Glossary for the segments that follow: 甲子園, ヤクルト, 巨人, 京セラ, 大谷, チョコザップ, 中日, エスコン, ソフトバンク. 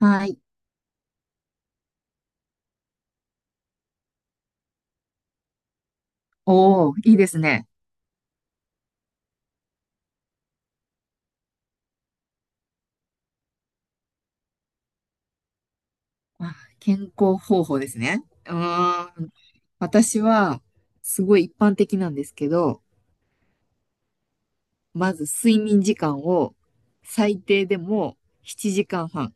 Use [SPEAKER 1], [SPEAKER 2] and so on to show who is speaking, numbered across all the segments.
[SPEAKER 1] はい。おお、いいですね。あ、健康方法ですね。うーん。私は、すごい一般的なんですけど、まず睡眠時間を最低でも7時間半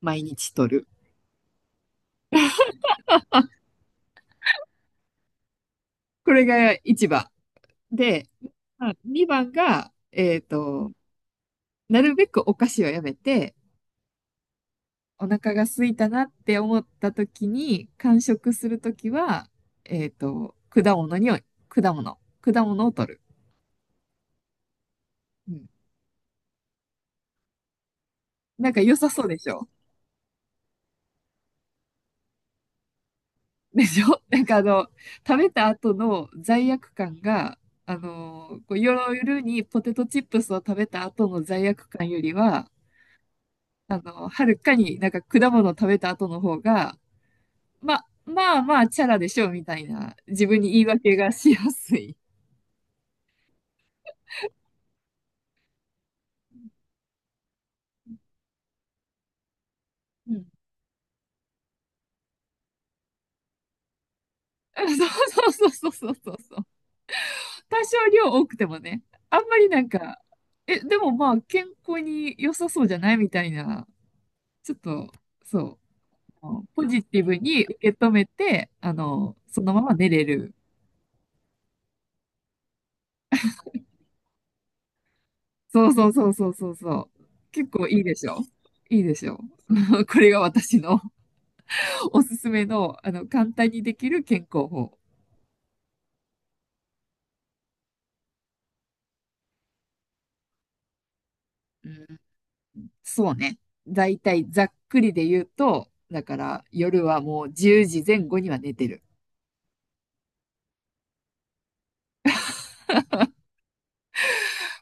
[SPEAKER 1] 毎日とる。これが一番。で、まあ2番が、なるべくお菓子をやめて、お腹が空いたなって思った時に、間食するときは、果物に、果物を取る。うん、なんか良さそうでしょ。 でしょ、なんか食べた後の罪悪感が、こう夜にポテトチップスを食べた後の罪悪感よりは、はるかになんか果物を食べた後の方が、ま、あまあまあ、チャラでしょうみたいな、自分に言い訳がしやすい。うん。あ、そうそうそうそうそうそう。多少量多くてもね、あんまりなんか、え、でもまあ、健康に良さそうじゃないみたいな、ちょっと、そう。のポジティブに受け止めて、そのまま寝れる。そうそうそうそうそうそう。結構いいでしょ。いいでしょ。 これが私の おすすめの、簡単にできる健康法。うん、そうね。だいたいざっくりで言うと、だから夜はもう10時前後には寝てる。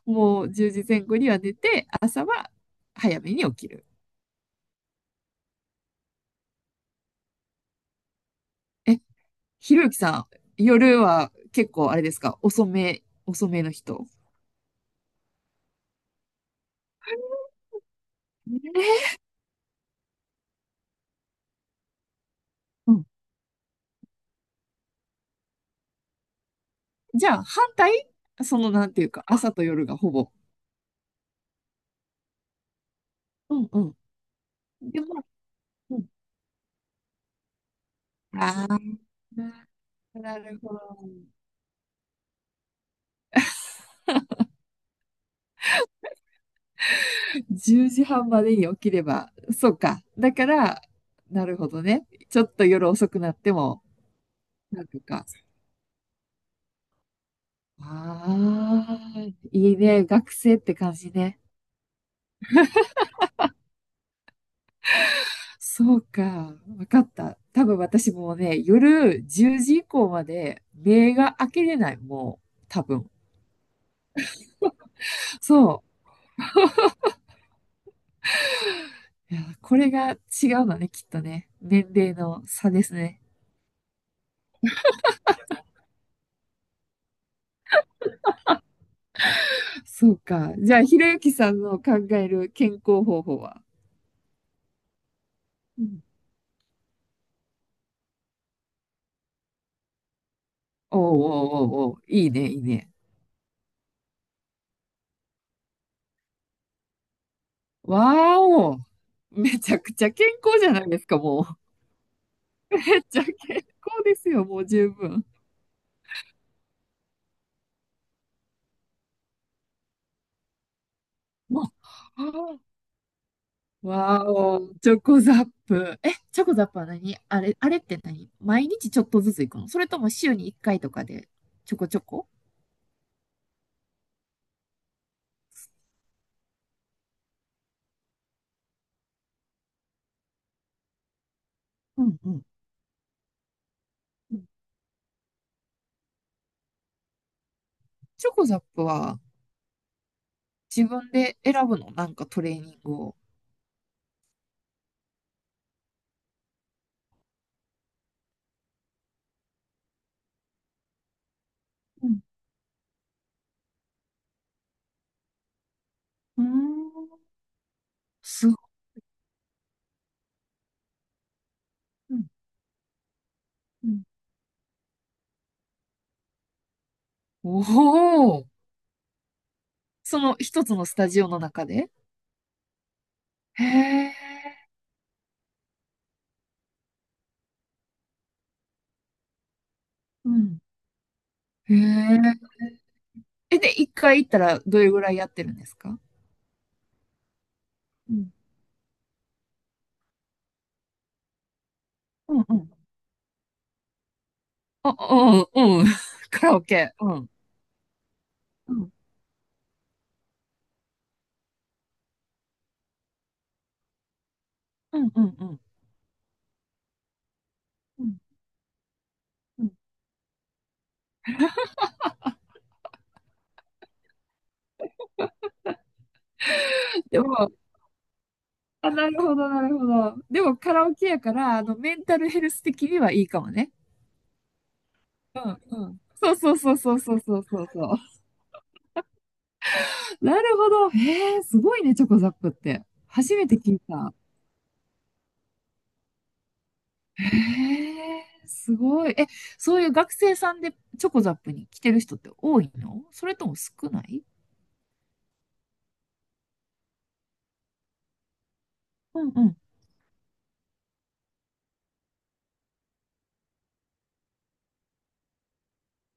[SPEAKER 1] もう10時前後には寝て、あ、早めに起きる。え、ひろゆきさん、夜は結構あれですか、遅めの人？えーうん。じゃあ、反対、その、なんていうか、朝と夜がほぼ。うんうん。でも、うん。ああ、なるほど。10時半までに起きれば、そうか。だから、なるほどね。ちょっと夜遅くなっても、なんとか。ああ、いいね。学生って感じね。そうか。わかった。多分私もうね、夜10時以降まで目が開けれない。もう、多分。そう。いや、これが違うのね、きっとね。年齢の差ですね。そうか。じゃあ、ひろゆきさんの考える健康方法は？うん、おうおうおうおう、いいね、いいね。わーお、めちゃくちゃ健康じゃないですか、もう。めっちゃ健康ですよ、もう十分。もう、あー、わーお、チョコザップ。え、チョコザップは何あれ、あれって何、毎日ちょっとずつ行くの、それとも週に1回とかで、ちょこちょこ。うんうん。チョコザップは、自分で選ぶの、なんかトレーニングを？うん。うーん。すご、うん。うん。おお、その一つのスタジオの中で。へえ、うん。へえ。え、で、一回行ったらどれぐらいやってるんですか？うん。うんうん。あ、うん、うん。カラオケ。うん。うん。うん、うん、うん。うんうん。でも、あ、なるほど、なるほど。でもカラオケやから、メンタルヘルス的にはいいかもね。うん、うん。そうそうそうそうそうそうそう。なるほど。へえ、すごいね、チョコザップって。初めて聞いた。へえ、すごい。え、そういう学生さんでチョコザップに来てる人って多いの、それとも少ない？うんうん。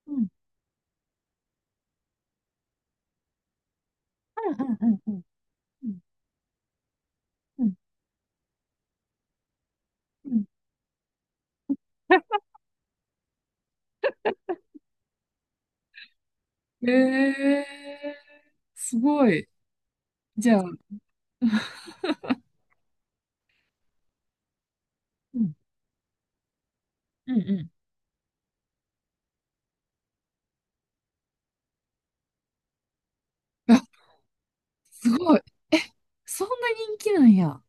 [SPEAKER 1] うんうんうんうんうんうんうんうん。へえ、すごい。じゃあ、うんうんうん、あ、すごい。え、そんな人気なんや。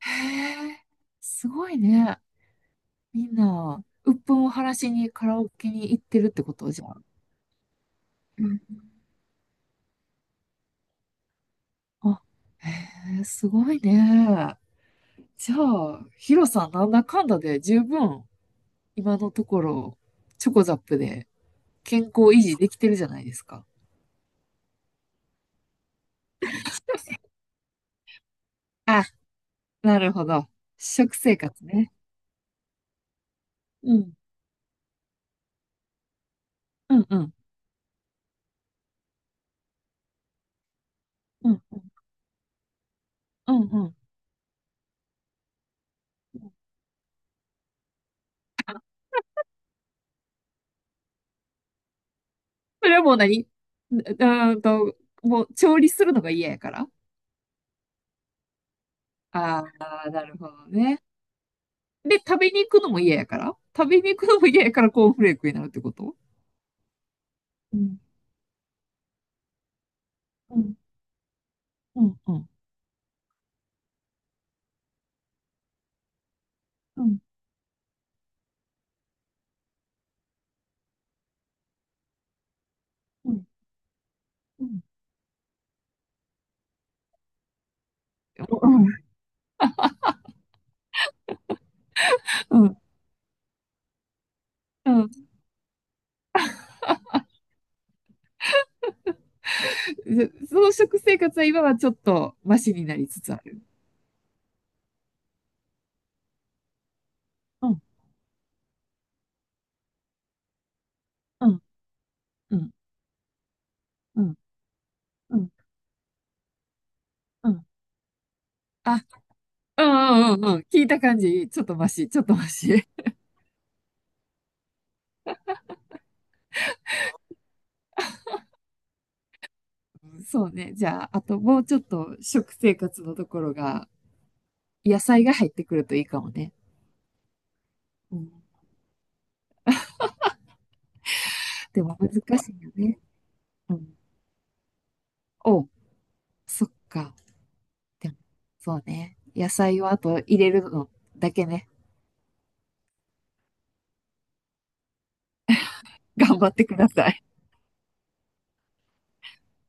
[SPEAKER 1] へえ、すごいね。みんな、鬱憤を晴らしにカラオケに行ってるってことじゃん。あ、へえ、すごいね。じゃあ、ヒロさん、なんだかんだで十分、今のところ、チョコザップで健康維持できてるじゃないですか。あ、なるほど。食生活ね。うん。うんうん。うん。うんうん。それはもう何、うーんと、もう調理するのが嫌やから？ああー、なるほどね。で、食べに行くのも嫌やから、食べに行くのも嫌やからコーンフレークになるってこと？うん。うん。うん。うん。うん。うん。うんうん、うん、うん。その食生活は今はちょっとマシになりつつある。うん、うん、うん、うん、うん、うん。あ、うんうんうんうん。聞いた感じ、ちょっとマシ、ちょっとマシ。うん、そうね。じゃあ、あともうちょっと食生活のところが、野菜が入ってくるといいかもね。うん、でも難しいよね。うん。お、そっか。でも、そうね。野菜をあと入れるのだけね。頑張ってください。